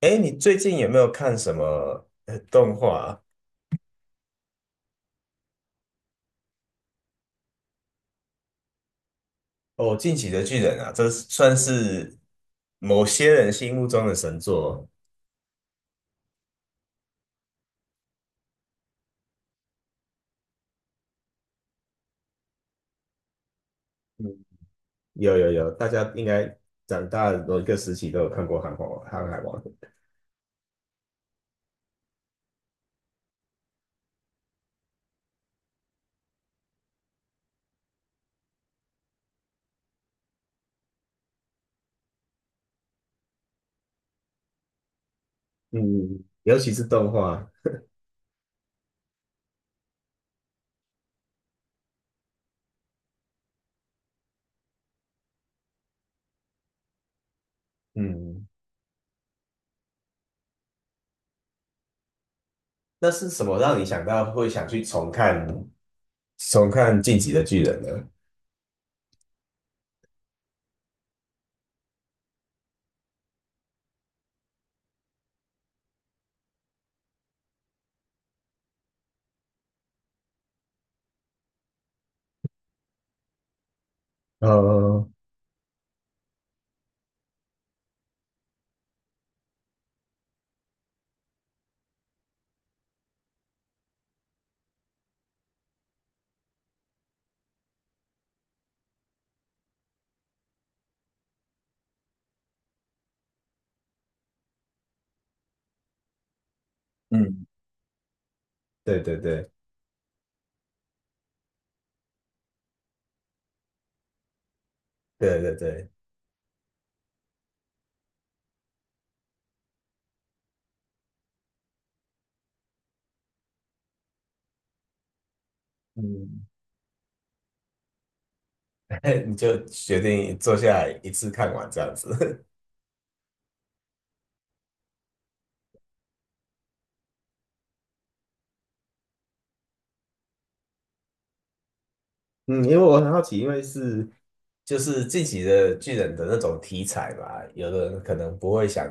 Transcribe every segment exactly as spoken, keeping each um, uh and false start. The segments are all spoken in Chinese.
哎，你最近有没有看什么呃动画啊。哦，《进击的巨人》啊，这是算是某些人心目中的神作。嗯，有有有，大家应该长大的某一个时期都有看过《航海王航海王》。嗯，尤其是动画。嗯，那是什么让你想到会想去重看重看《进击的巨人》呢？呃，嗯，对对对对对对，嗯，你就决定坐下来一次看完这样子。嗯，因为我很好奇，因为是就是自己的巨人的那种题材嘛，有的人可能不会想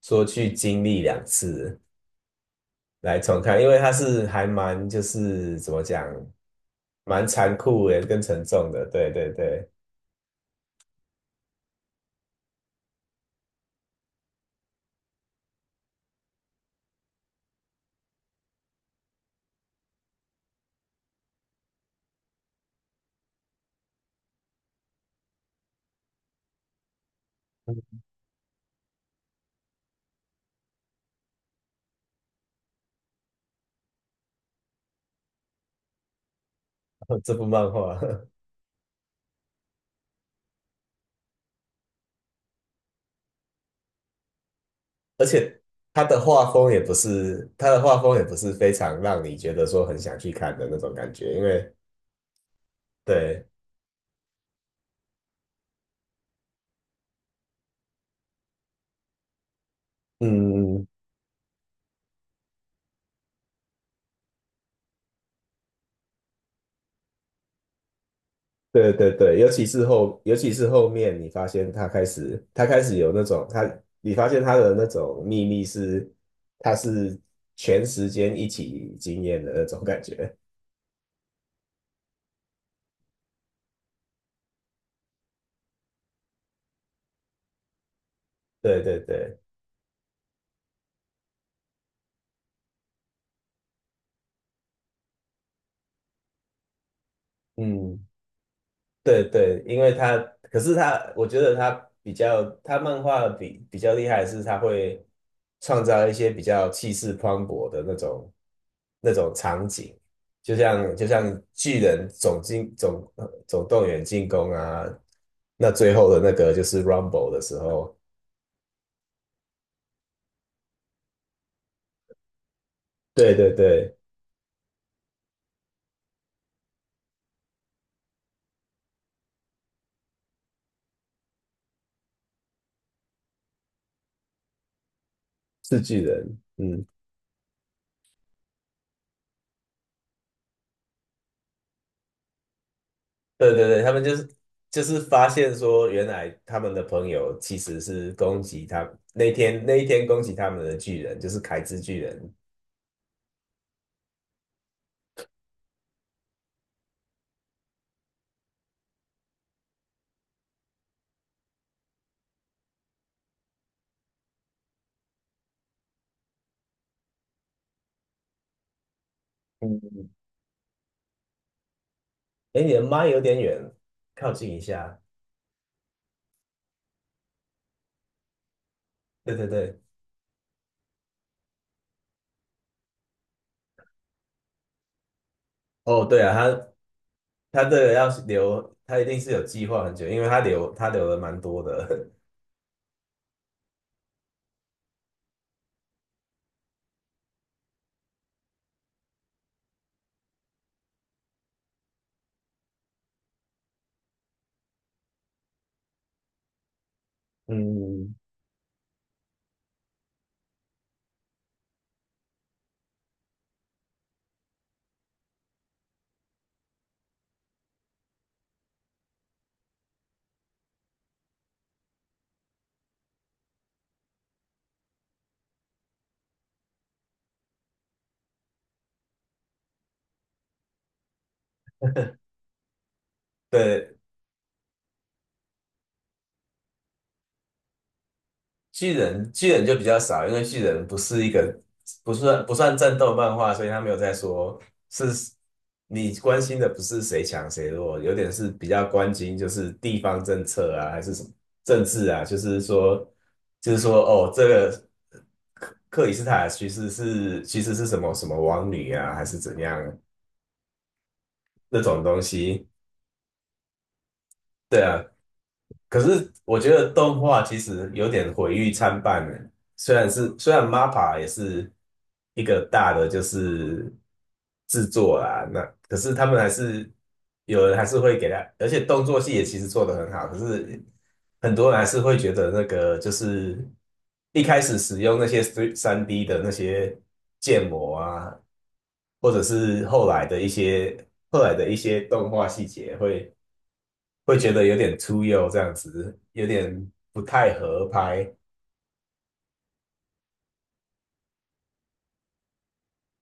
说去经历两次来重看，因为它是还蛮就是怎么讲，蛮残酷的跟沉重的，对对对，这部漫画，而且它的画风也不是它的画风也不是非常让你觉得说很想去看的那种感觉，因为对，嗯。对对对，尤其是后，尤其是后面，你发现他开始，他开始有那种他，你发现他的那种秘密是，他是全时间一起经验的那种感觉。对对对，嗯，对对，因为他，可是他，我觉得他比较，他漫画比比较厉害的是，他会创造一些比较气势磅礴的那种那种场景，就像就像巨人总进总呃总动员进攻啊，那最后的那个就是 Rumble 的时候，对对对，是巨人，嗯。对对对，他们就是就是发现说，原来他们的朋友其实是攻击他那天那一天攻击他们的巨人，就是凯之巨人。嗯，哎，你的麦有点远，靠近一下。对对对，哦对啊，他他这个要是留，他一定是有计划很久，因为他留他留了蛮多的。嗯，对。巨人巨人就比较少，因为巨人不是一个不算不算战斗漫画，所以他没有在说是你关心的不是谁强谁弱，有点是比较关心就是地方政策啊，还是什么政治啊，就是说就是说哦，这个克克里斯塔其实是其实是什么什么王女啊，还是怎样那种东西。对啊，可是我觉得动画其实有点毁誉参半呢。虽然是虽然 MAPPA 也是一个大的就是制作啊，那可是他们还是有人还是会给他，而且动作戏也其实做得很好，可是很多人还是会觉得那个就是一开始使用那些三 d 的那些建模啊，或者是后来的一些后来的一些动画细节会。会觉得有点突兀这样子，有点不太合拍。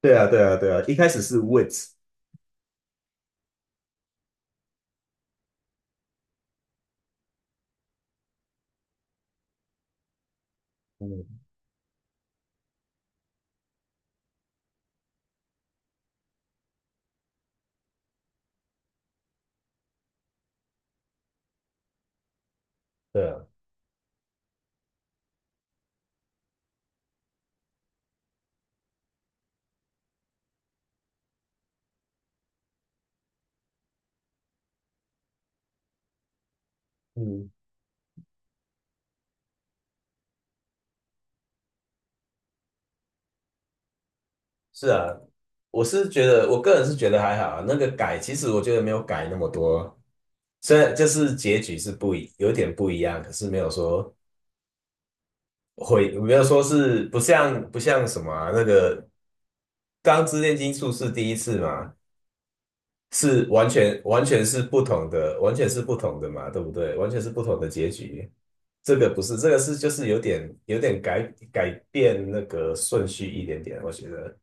对啊，对啊，对啊，一开始是 w i t h。 嗯，对啊，嗯，是啊，我是觉得，我个人是觉得还好啊。那个改，其实我觉得没有改那么多，虽然就是结局是不一，有点不一样，可是没有说会，没有说是不像不像什么啊，那个《钢之炼金术士》第一次嘛，是完全完全是不同的，完全是不同的嘛，对不对？完全是不同的结局。这个不是，这个是就是有点有点改改变那个顺序一点点，我觉得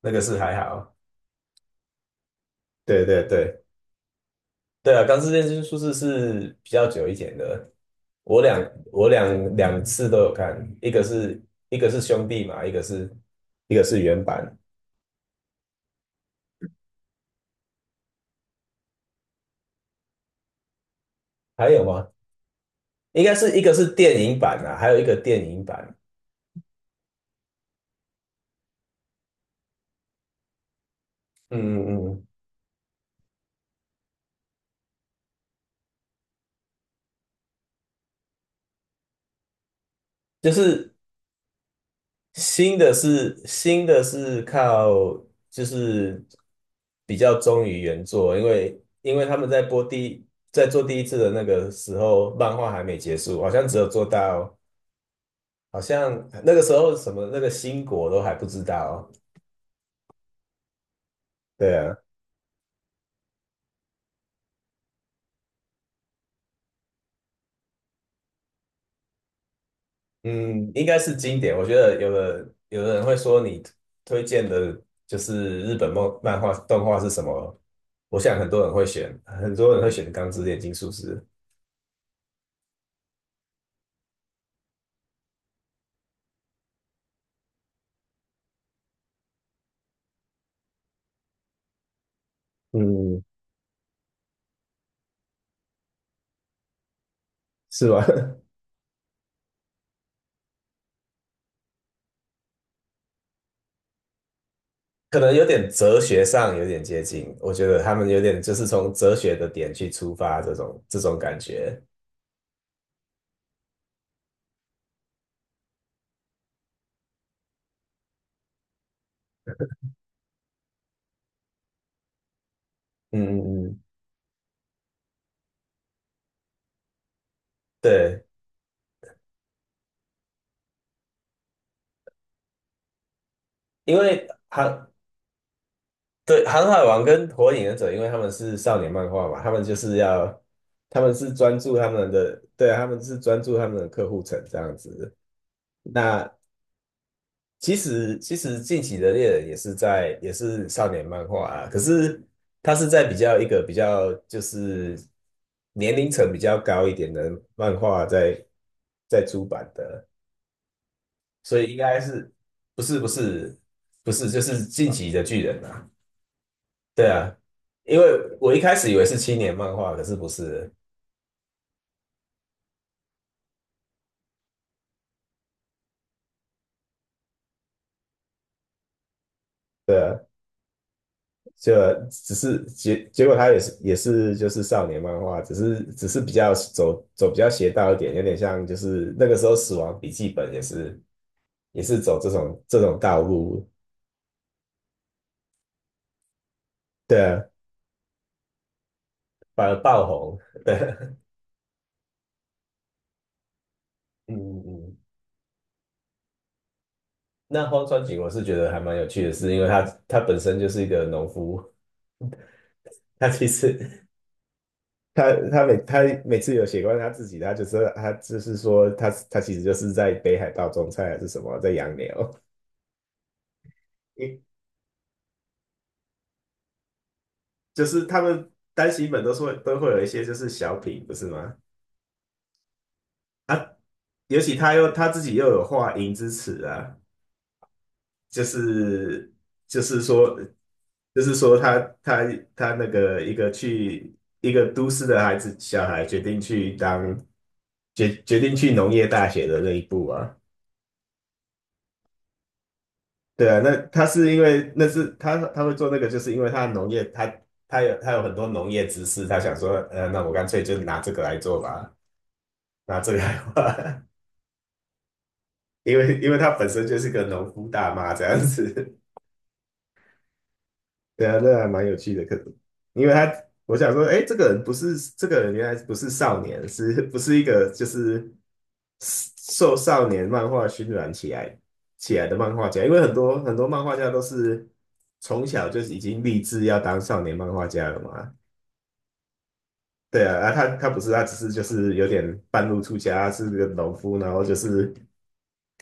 那个是还好。对对对对啊，钢之炼金术士是比较久一点的，我两我两两次都有看，一个是一个是兄弟嘛，一个是一个是原版，还有吗？应该是一个是电影版啊，还有一个电影版。嗯嗯嗯，就是新的是新的是靠就是比较忠于原作，因为因为他们在播第一在做第一次的那个时候，漫画还没结束，好像只有做到好像那个时候什么那个新国都还不知道。对啊，嗯，应该是经典。我觉得有的有的人会说你推荐的就是日本漫漫画动画是什么？我想很多人会选，很多人会选《钢之炼金术师》。嗯，是吧？可能有点哲学上有点接近，我觉得他们有点就是从哲学的点去出发，这种这种感觉。嗯嗯嗯，对，因为航对航海王跟火影忍者，因为他们是少年漫画嘛，他们就是要他们是专注他们的，对啊，他们是专注他们的客户层这样子。那其实其实近期的猎人也是在也是少年漫画啊，可是它是在比较一个比较就是年龄层比较高一点的漫画在在出版的，所以应该是不是不是不是就是近期的巨人啊？对啊，因为我一开始以为是青年漫画，可是不是，对。啊。就只是结结果他也是也是就是少年漫画，只是只是比较走走比较邪道一点，有点像就是那个时候《死亡笔记本》也是也是走这种这种道路，对啊，反而爆红，对，嗯嗯嗯。那荒川景我是觉得还蛮有趣的是，因为他他本身就是一个农夫，他其实他他每他每次有写关于他自己，他就是他就是说他他其实就是在北海道种菜还是什么，在养牛。就是他们单行本都是会都会有一些就是小品，不是吗？啊，尤其他又他自己又有画银之词啊，就是就是说就是说他他他那个一个去一个都市的孩子小孩决定去当决决定去农业大学的那一步啊。对啊，那他是因为那是他他会做那个，就是因为他农业他他有他有很多农业知识，他想说，呃，那我干脆就拿这个来做吧，拿这个来画。因为因为他本身就是个农夫大妈这样子，对啊，那还蛮有趣的。可因为他我想说，哎，这个人不是这个人，原来不是少年，是不是一个就是受少年漫画熏染起来起来的漫画家？因为很多很多漫画家都是从小就是已经立志要当少年漫画家了嘛。对啊，啊，他他不是，他只是就是有点半路出家，是个农夫，然后就是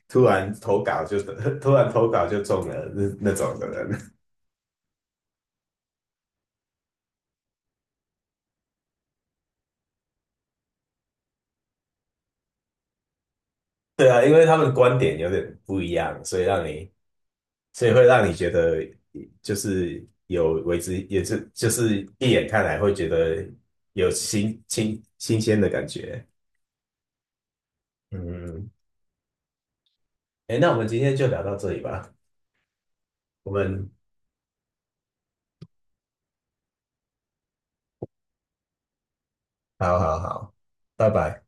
突然投稿就 突然投稿就中了那那种的人。对啊，因为他们观点有点不一样，所以让你，所以会让你觉得就是有为之，也是就是一眼看来会觉得有新新新鲜的感觉。嗯，哎，那我们今天就聊到这里吧。我们好好好，拜拜。